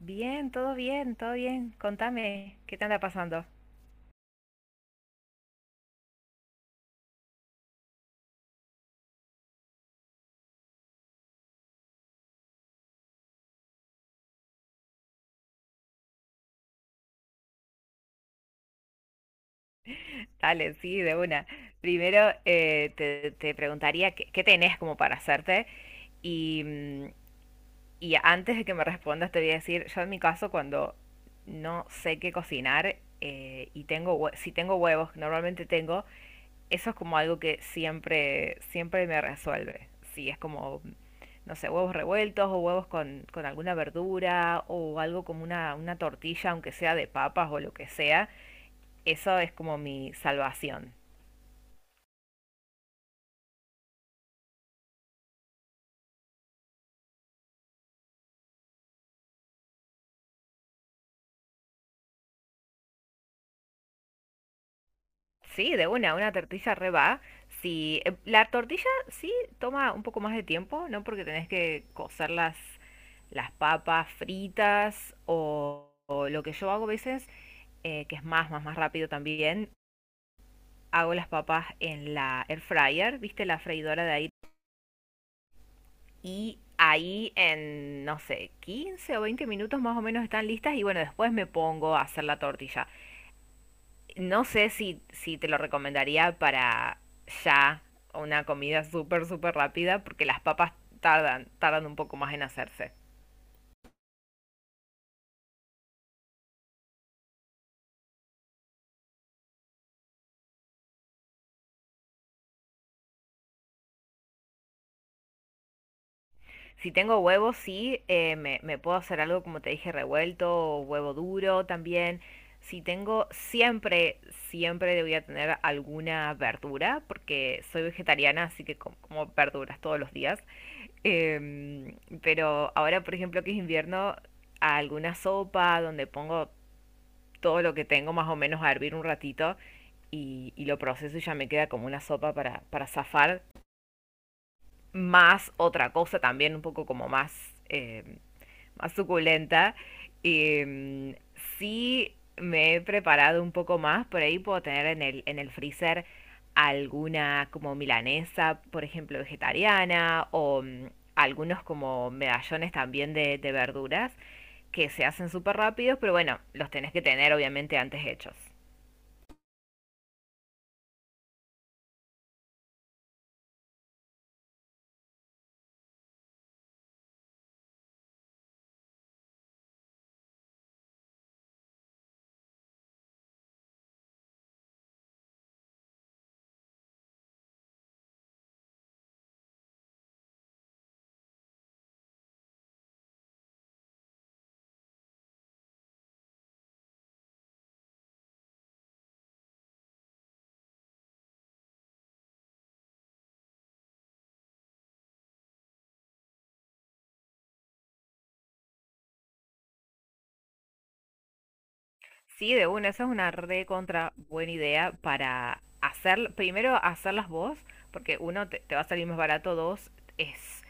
Bien, todo bien, todo bien. Contame, ¿qué te anda pasando? Dale, sí, de una. Primero te preguntaría qué tenés como para hacerte. Y, mm, Y antes de que me respondas, te voy a decir, yo en mi caso, cuando no sé qué cocinar si tengo huevos, normalmente tengo, eso es como algo que siempre, siempre me resuelve. Si es como, no sé, huevos revueltos o huevos con alguna verdura o algo como una tortilla, aunque sea de papas o lo que sea, eso es como mi salvación. Sí, de una tortilla re va. Sí, la tortilla sí toma un poco más de tiempo, ¿no? Porque tenés que cocer las papas fritas o lo que yo hago a veces, que es más rápido también, hago las papas en la air fryer, ¿viste? La freidora de aire. Y ahí en, no sé, 15 o 20 minutos más o menos están listas y bueno, después me pongo a hacer la tortilla. No sé si te lo recomendaría para ya una comida súper, súper rápida, porque las papas tardan un poco más en hacerse. Si tengo huevos, sí, me puedo hacer algo, como te dije, revuelto, o huevo duro también. Si tengo, Siempre, siempre voy a tener alguna verdura, porque soy vegetariana, así que como verduras todos los días. Em, pero ahora, por ejemplo, que es invierno, alguna sopa donde pongo todo lo que tengo más o menos a hervir un ratito y lo proceso y ya me queda como una sopa para zafar. Más otra cosa también un poco como más suculenta. Y, sí me he preparado un poco más, por ahí puedo tener en el freezer alguna como milanesa, por ejemplo, vegetariana, o algunos como medallones también de verduras que se hacen súper rápidos, pero bueno, los tenés que tener obviamente antes hechos. Sí, de una, esa es una re contra buena idea para hacer, primero hacerlas vos, porque uno te va a salir más barato, dos es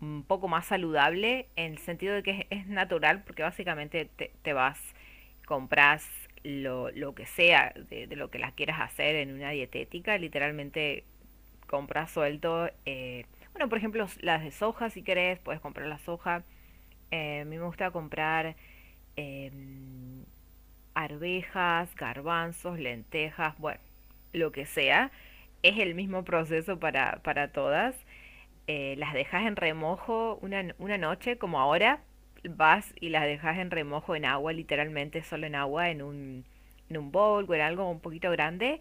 un poco más saludable en el sentido de que es natural, porque básicamente te vas, compras lo que sea de lo que las quieras hacer en una dietética, literalmente compras suelto, bueno, por ejemplo, las de soja, si querés, puedes comprar la soja. A mí me gusta comprar em, arvejas, garbanzos, lentejas, bueno, lo que sea. Es el mismo proceso para todas. Las dejas en remojo una noche, como ahora, vas y las dejas en remojo en agua, literalmente solo en agua, en un bowl o en algo un poquito grande,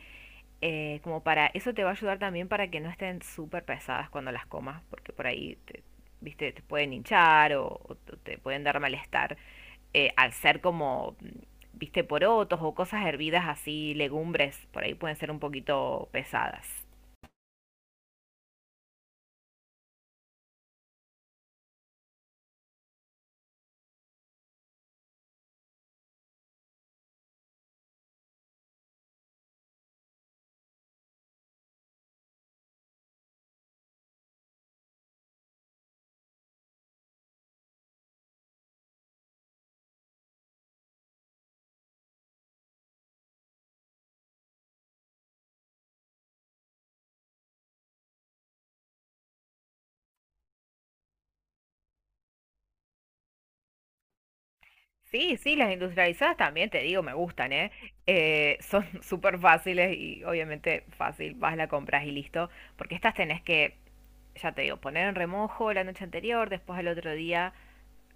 como para eso te va a ayudar también para que no estén súper pesadas cuando las comas, porque por ahí te, viste, te pueden hinchar o te pueden dar malestar al ser como, viste, porotos o cosas hervidas así, legumbres, por ahí pueden ser un poquito pesadas. Sí, sí, las industrializadas también, te digo, me gustan, ¿eh? Son súper fáciles y obviamente fácil, vas, la compras y listo, porque estas tenés que, ya te digo, poner en remojo la noche anterior, después al otro día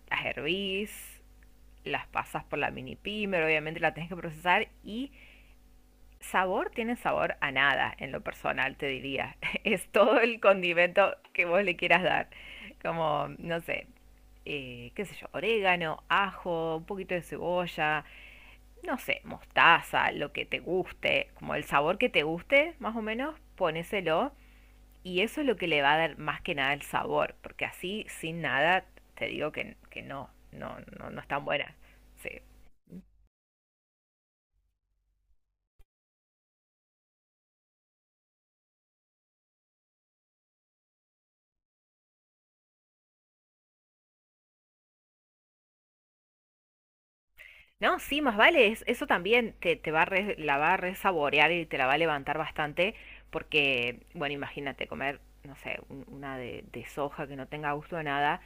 las hervís, las pasas por la mini pimer, obviamente la tenés que procesar y sabor tiene sabor a nada en lo personal, te diría. Es todo el condimento que vos le quieras dar. Como, no sé, qué sé yo, orégano, ajo, un poquito de cebolla, no sé, mostaza, lo que te guste, como el sabor que te guste, más o menos, ponéselo y eso es lo que le va a dar más que nada el sabor, porque así, sin nada, te digo que no, no, no, no están buenas. Sí. No, sí, más vale, eso también te va a la va a resaborear y te la va a levantar bastante, porque, bueno, imagínate comer, no sé, una de soja que no tenga gusto de nada,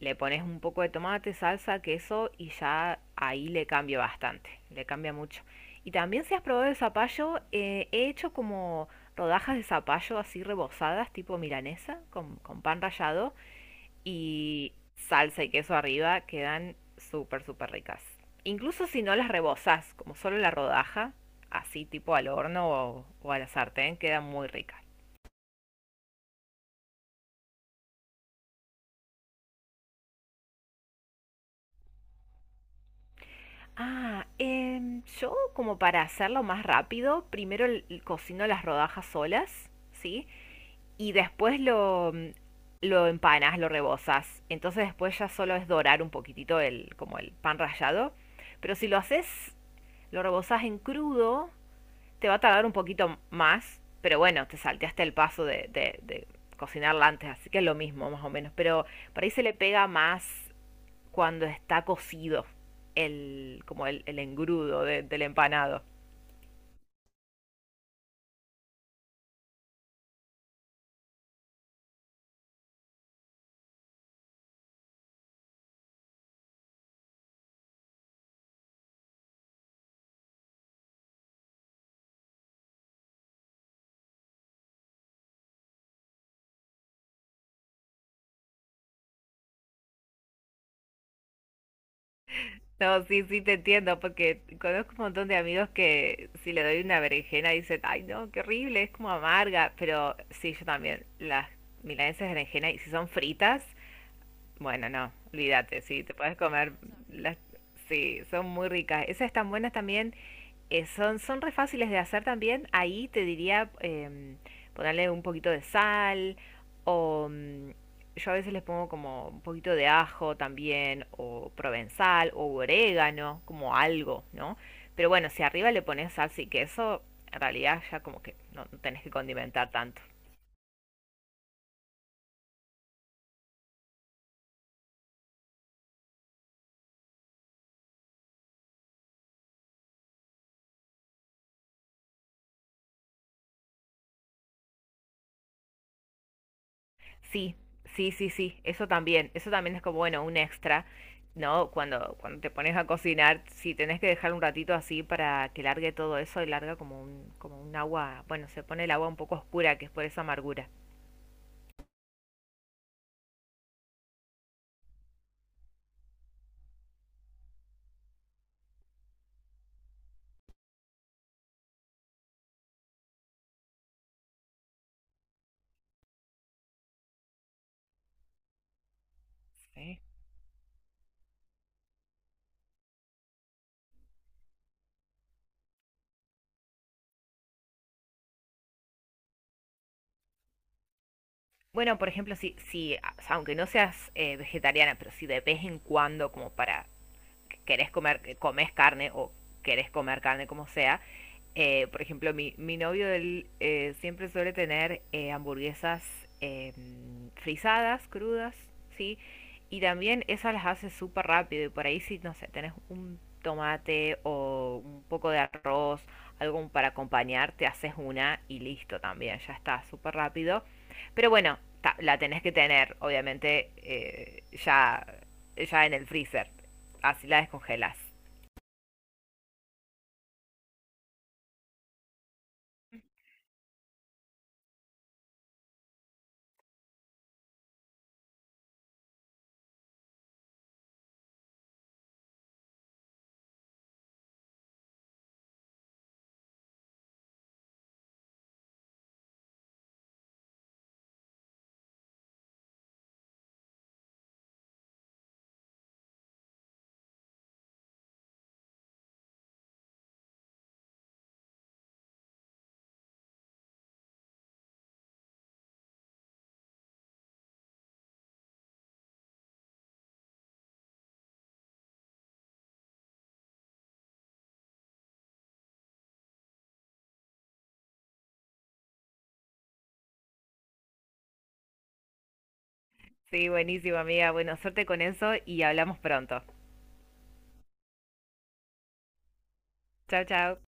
le pones un poco de tomate, salsa, queso y ya ahí le cambia bastante, le cambia mucho. Y también si has probado el zapallo, he hecho como rodajas de zapallo así rebozadas, tipo milanesa, con pan rallado, y salsa y queso arriba, quedan súper, súper ricas. Incluso si no las rebozas, como solo la rodaja, así tipo al horno o a la sartén, queda muy rica. Ah, yo como para hacerlo más rápido, primero cocino las rodajas solas, ¿sí? Y después lo empanas, lo rebozas. Entonces después ya solo es dorar un poquitito el, como el pan rallado. Pero si lo haces, lo rebozas en crudo. Te va a tardar un poquito más, pero bueno, te salteaste el paso de cocinarla antes, así que es lo mismo más o menos. Pero por ahí se le pega más cuando está cocido como el engrudo del empanado. No, sí, sí te entiendo, porque conozco un montón de amigos que si le doy una berenjena dicen, ay no, qué horrible, es como amarga, pero sí, yo también, las milanesas de berenjena, y si son fritas, bueno, no, olvídate, sí, te puedes comer las. Sí, son muy ricas. Esas están buenas también. Son re fáciles de hacer también. Ahí te diría ponerle un poquito de sal o yo a veces les pongo como un poquito de ajo también o provenzal o orégano, como algo, ¿no? Pero bueno, si arriba le pones salsa y queso, en realidad ya como que no, no tenés que condimentar tanto. Sí, sí, sí, sí, eso también es como, bueno, un extra, ¿no? Cuando te pones a cocinar, si tenés que dejar un ratito así para que largue todo eso y larga como un, agua, bueno, se pone el agua un poco oscura, que es por esa amargura. Sí. Bueno, por ejemplo, si aunque no seas vegetariana, pero si de vez en cuando, como para que querés comer, que comes carne o querés comer carne como sea, por ejemplo, mi novio él, siempre suele tener hamburguesas eh, frisadas, crudas, ¿sí? Y también esas las haces súper rápido y por ahí si, no sé, tenés un tomate o un poco de arroz, algo para acompañar, te haces una y listo también, ya está, súper rápido. Pero bueno, la tenés que tener, obviamente, ya en el freezer, así la descongelas. Sí, buenísimo amiga, bueno, suerte con eso y hablamos pronto. Chao, chao.